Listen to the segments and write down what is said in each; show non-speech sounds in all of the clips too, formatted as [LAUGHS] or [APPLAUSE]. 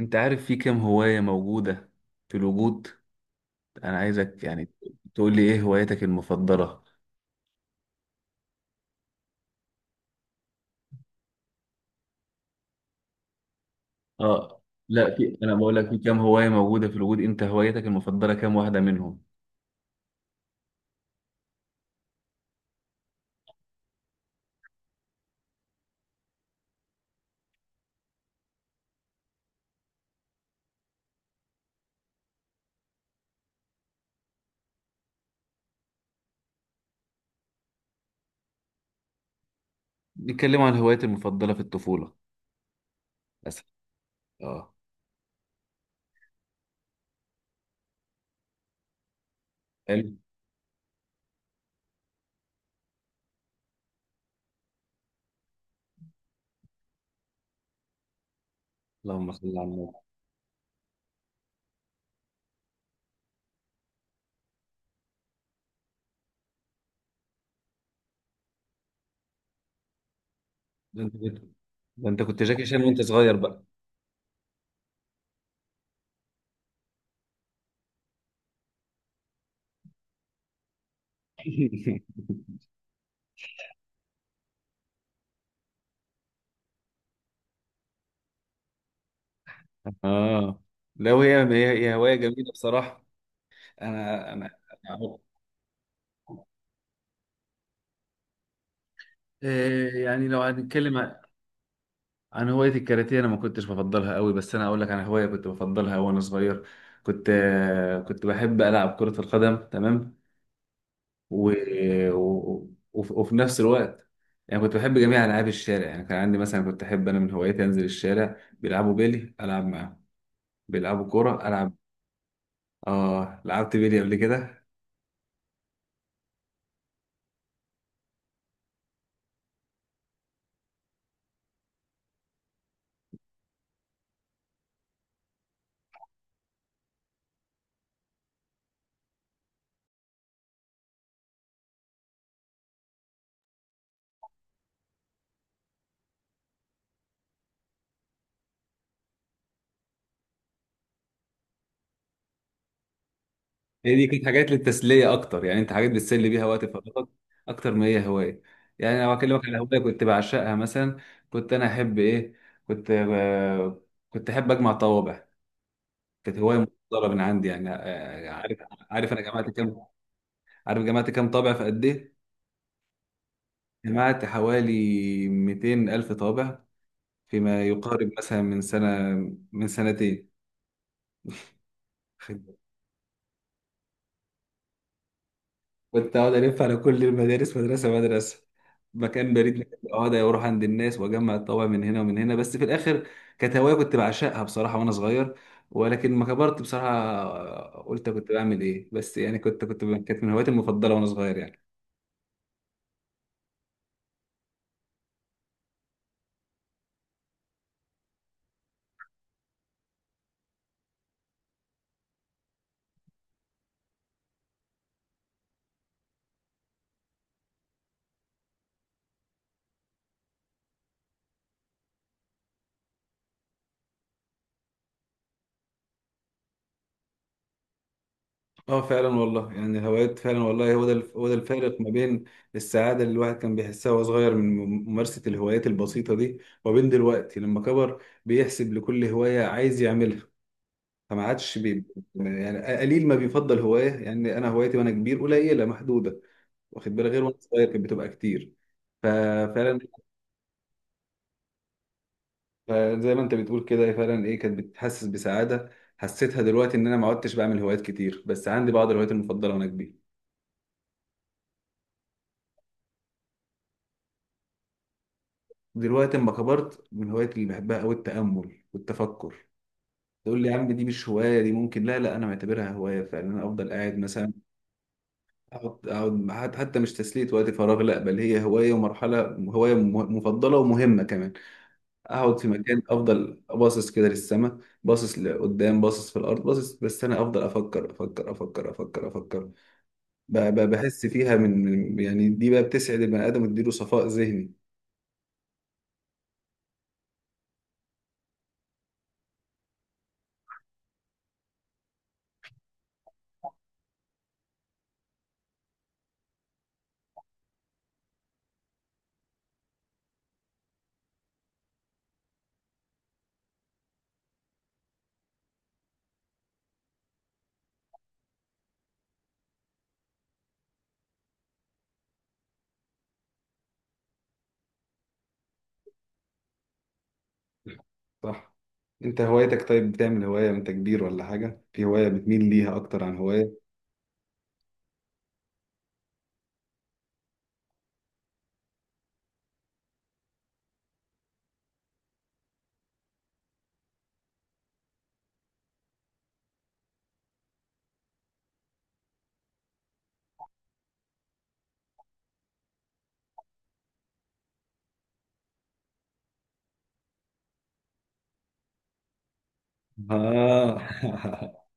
انت عارف في كام هواية موجودة في الوجود؟ انا عايزك يعني تقول لي ايه هوايتك المفضلة؟ اه، لا، في انا بقول لك في كام هواية موجودة في الوجود، انت هوايتك المفضلة كام واحدة منهم؟ نتكلم عن هوايتي المفضلة في الطفولة مثلا. اه، حلو. اللهم صل على النبي، ده انت كنت جاكي شان وانت صغير بقى! [LAUGHS] اه، لا وهي هي هواية جميلة بصراحة. انا انا أنا- آه، يعني لو هنتكلم عن هواية الكاراتيه، أنا ما كنتش بفضلها قوي، بس أنا أقول لك عن هواية كنت بفضلها وأنا صغير. كنت كنت بحب ألعب كرة القدم، تمام. و... وفي نفس الوقت يعني كنت بحب جميع ألعاب الشارع، يعني كان عندي مثلا، كنت أحب، أنا من هواياتي أنزل الشارع، بيلعبوا بيلي ألعب معاهم، بيلعبوا كورة ألعب. آه، لعبت بيلي قبل كده. هي دي كانت حاجات للتسليه اكتر، يعني انت حاجات بتسلي بيها وقت فراغك اكتر ما هي هوايه. يعني لو اكلمك على هوايه كنت بعشقها مثلا، كنت انا احب ايه؟ كنت ب- كنت احب اجمع طوابع. كانت هوايه مفضله من عندي، يعني عارف انا جمعت كام، عارف جمعت كام طابع في قد ايه؟ جمعت حوالي 200 الف طابع فيما يقارب مثلا من سنه، من سنتين. كنت اقعد الف على كل المدارس، مدرسه مدرسه، مكان بريد مكان، اقعد اروح عند الناس واجمع الطوابع من هنا ومن هنا، بس في الاخر كانت هوايه كنت بعشقها بصراحه وانا صغير. ولكن ما كبرت بصراحه قلت كنت بعمل ايه، بس يعني كنت كنت كانت من هواياتي المفضله وانا صغير يعني. اه، فعلا والله، يعني الهوايات فعلا والله هو ده الفارق ما بين السعاده اللي الواحد كان بيحسها وهو صغير من ممارسه الهوايات البسيطه دي، وبين دلوقتي لما كبر بيحسب لكل هوايه عايز يعملها. فما عادش يعني قليل ما بيفضل هوايه، يعني انا هوايتي وانا كبير قليله محدوده، واخد بالك، غير وانا صغير كانت بتبقى كتير. ففعلا زي ما انت بتقول كده، فعلا ايه كانت بتحسس بسعاده. حسيتها دلوقتي ان انا ما عدتش بعمل هوايات كتير، بس عندي بعض الهوايات المفضله وانا كبير. دلوقتي اما كبرت، من الهوايات اللي بحبها قوي التامل والتفكر. تقول لي يا عم دي مش هوايه، دي ممكن، لا، لا، انا معتبرها هوايه فعلا. انا افضل قاعد مثلا، أقعد حتى مش تسلية وقت فراغ، لا بل هي هواية ومرحلة، هواية مفضلة ومهمة كمان. أقعد في مكان، أفضل باصص كده للسماء، باصص لقدام، باصص في الأرض، باصص، بس أنا أفضل أفكر أفكر أفكر أفكر أفكر. بحس فيها، يعني دي بقى بتسعد البني آدم وتديله صفاء ذهني. صح. أنت هوايتك، طيب بتعمل هواية وأنت كبير ولا حاجة، في هواية بتميل ليها أكتر عن هواية؟ آه [LAUGHS]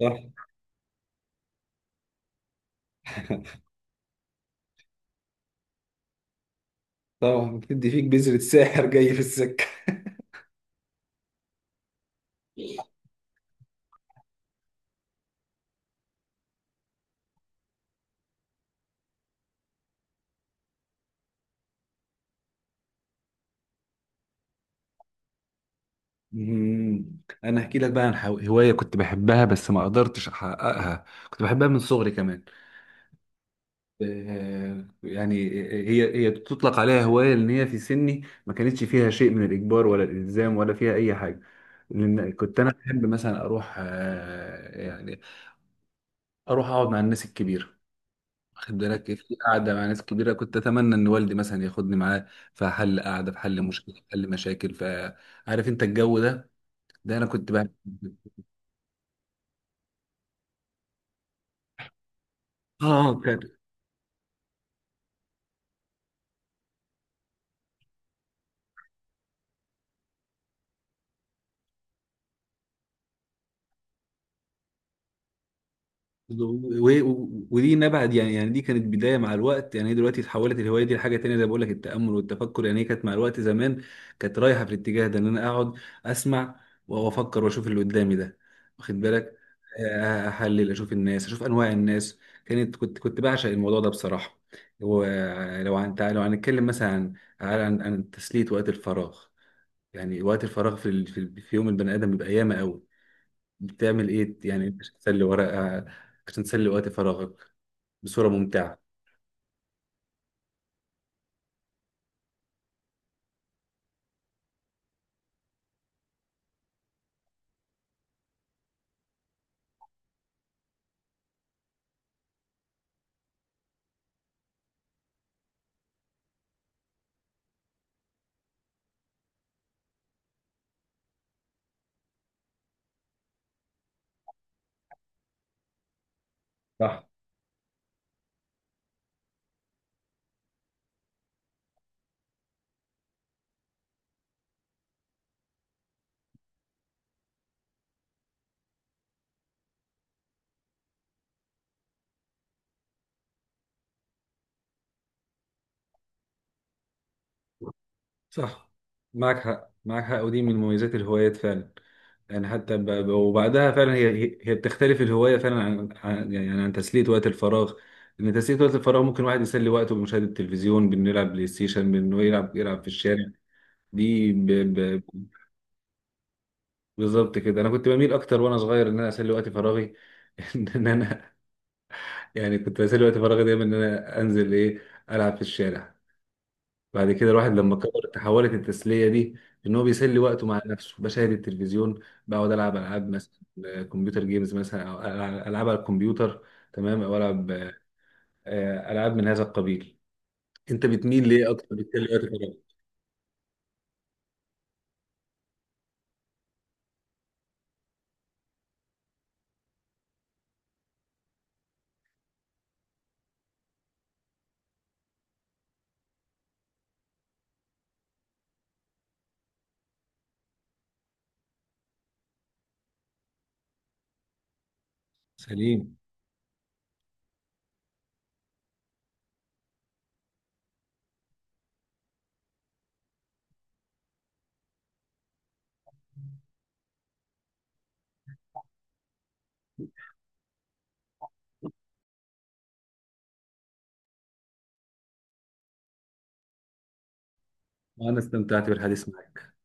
صح، طبعا بتدي فيك بذرة ساحر جاي في السكة. مم. انا هحكي لك بقى عن هوايه كنت بحبها بس ما قدرتش احققها، كنت بحبها من صغري كمان. يعني هي تطلق عليها هوايه، لان هي في سني ما كانتش فيها شيء من الاجبار ولا الالزام ولا فيها اي حاجه. لان كنت انا بحب مثلا اروح، يعني اروح اقعد مع الناس الكبيره، واخد بالك، في قعده مع ناس كبيره كنت اتمنى ان والدي مثلا ياخدني معاه، في حل قعده، في حل مشكله، في حل مشاكل، فعارف انت الجو ده. ده انا كنت بحب. اه. ودي نبعد يعني، يعني دي كانت بدايه. مع الوقت يعني هي دلوقتي اتحولت الهوايه دي لحاجه تانية، زي ما بقول لك، التامل والتفكر. يعني هي كانت مع الوقت زمان كانت رايحه في الاتجاه ده، ان انا اقعد اسمع وافكر واشوف اللي قدامي ده، واخد بالك، احلل، اشوف الناس، اشوف انواع الناس. كانت كنت كنت بعشق الموضوع ده بصراحه. ولو لو هنتكلم مثلا عن تسليه وقت الفراغ، يعني وقت الفراغ في ال- في في يوم البني ادم بيبقى ياما قوي، بتعمل ايه يعني انت عشان تسلي ورقة، عشان تسلي وقت فراغك بصورة ممتعة؟ صح، صح، معك حق معك حق، ودي من مميزات الهوايات فعلا. يعني حتى وبعدها فعلا هي بتختلف الهواية فعلا يعني عن تسلية وقت الفراغ. ان تسلية وقت الفراغ ممكن واحد يسلي وقته بمشاهدة التلفزيون، بانه يلعب بلاي ستيشن، بانه يلعب في الشارع. دي ب... ب... بالظبط كده، انا كنت بميل اكتر وانا صغير ان انا اسلي وقت فراغي. [LAUGHS] ان انا يعني كنت بسلي وقت فراغي دايما ان انا انزل ايه، العب في الشارع. بعد كده الواحد لما كبر تحولت التسليه دي، ان هو بيسلي وقته مع نفسه، بشاهد التلفزيون، بقعد العب العاب مثلا، كمبيوتر جيمز مثلا، او العاب على الكمبيوتر. تمام، او العب العاب من هذا القبيل. انت بتميل ليه اكتر بتسلي وقت فراغك؟ سليم. وانا استمتعت بالحديث معك.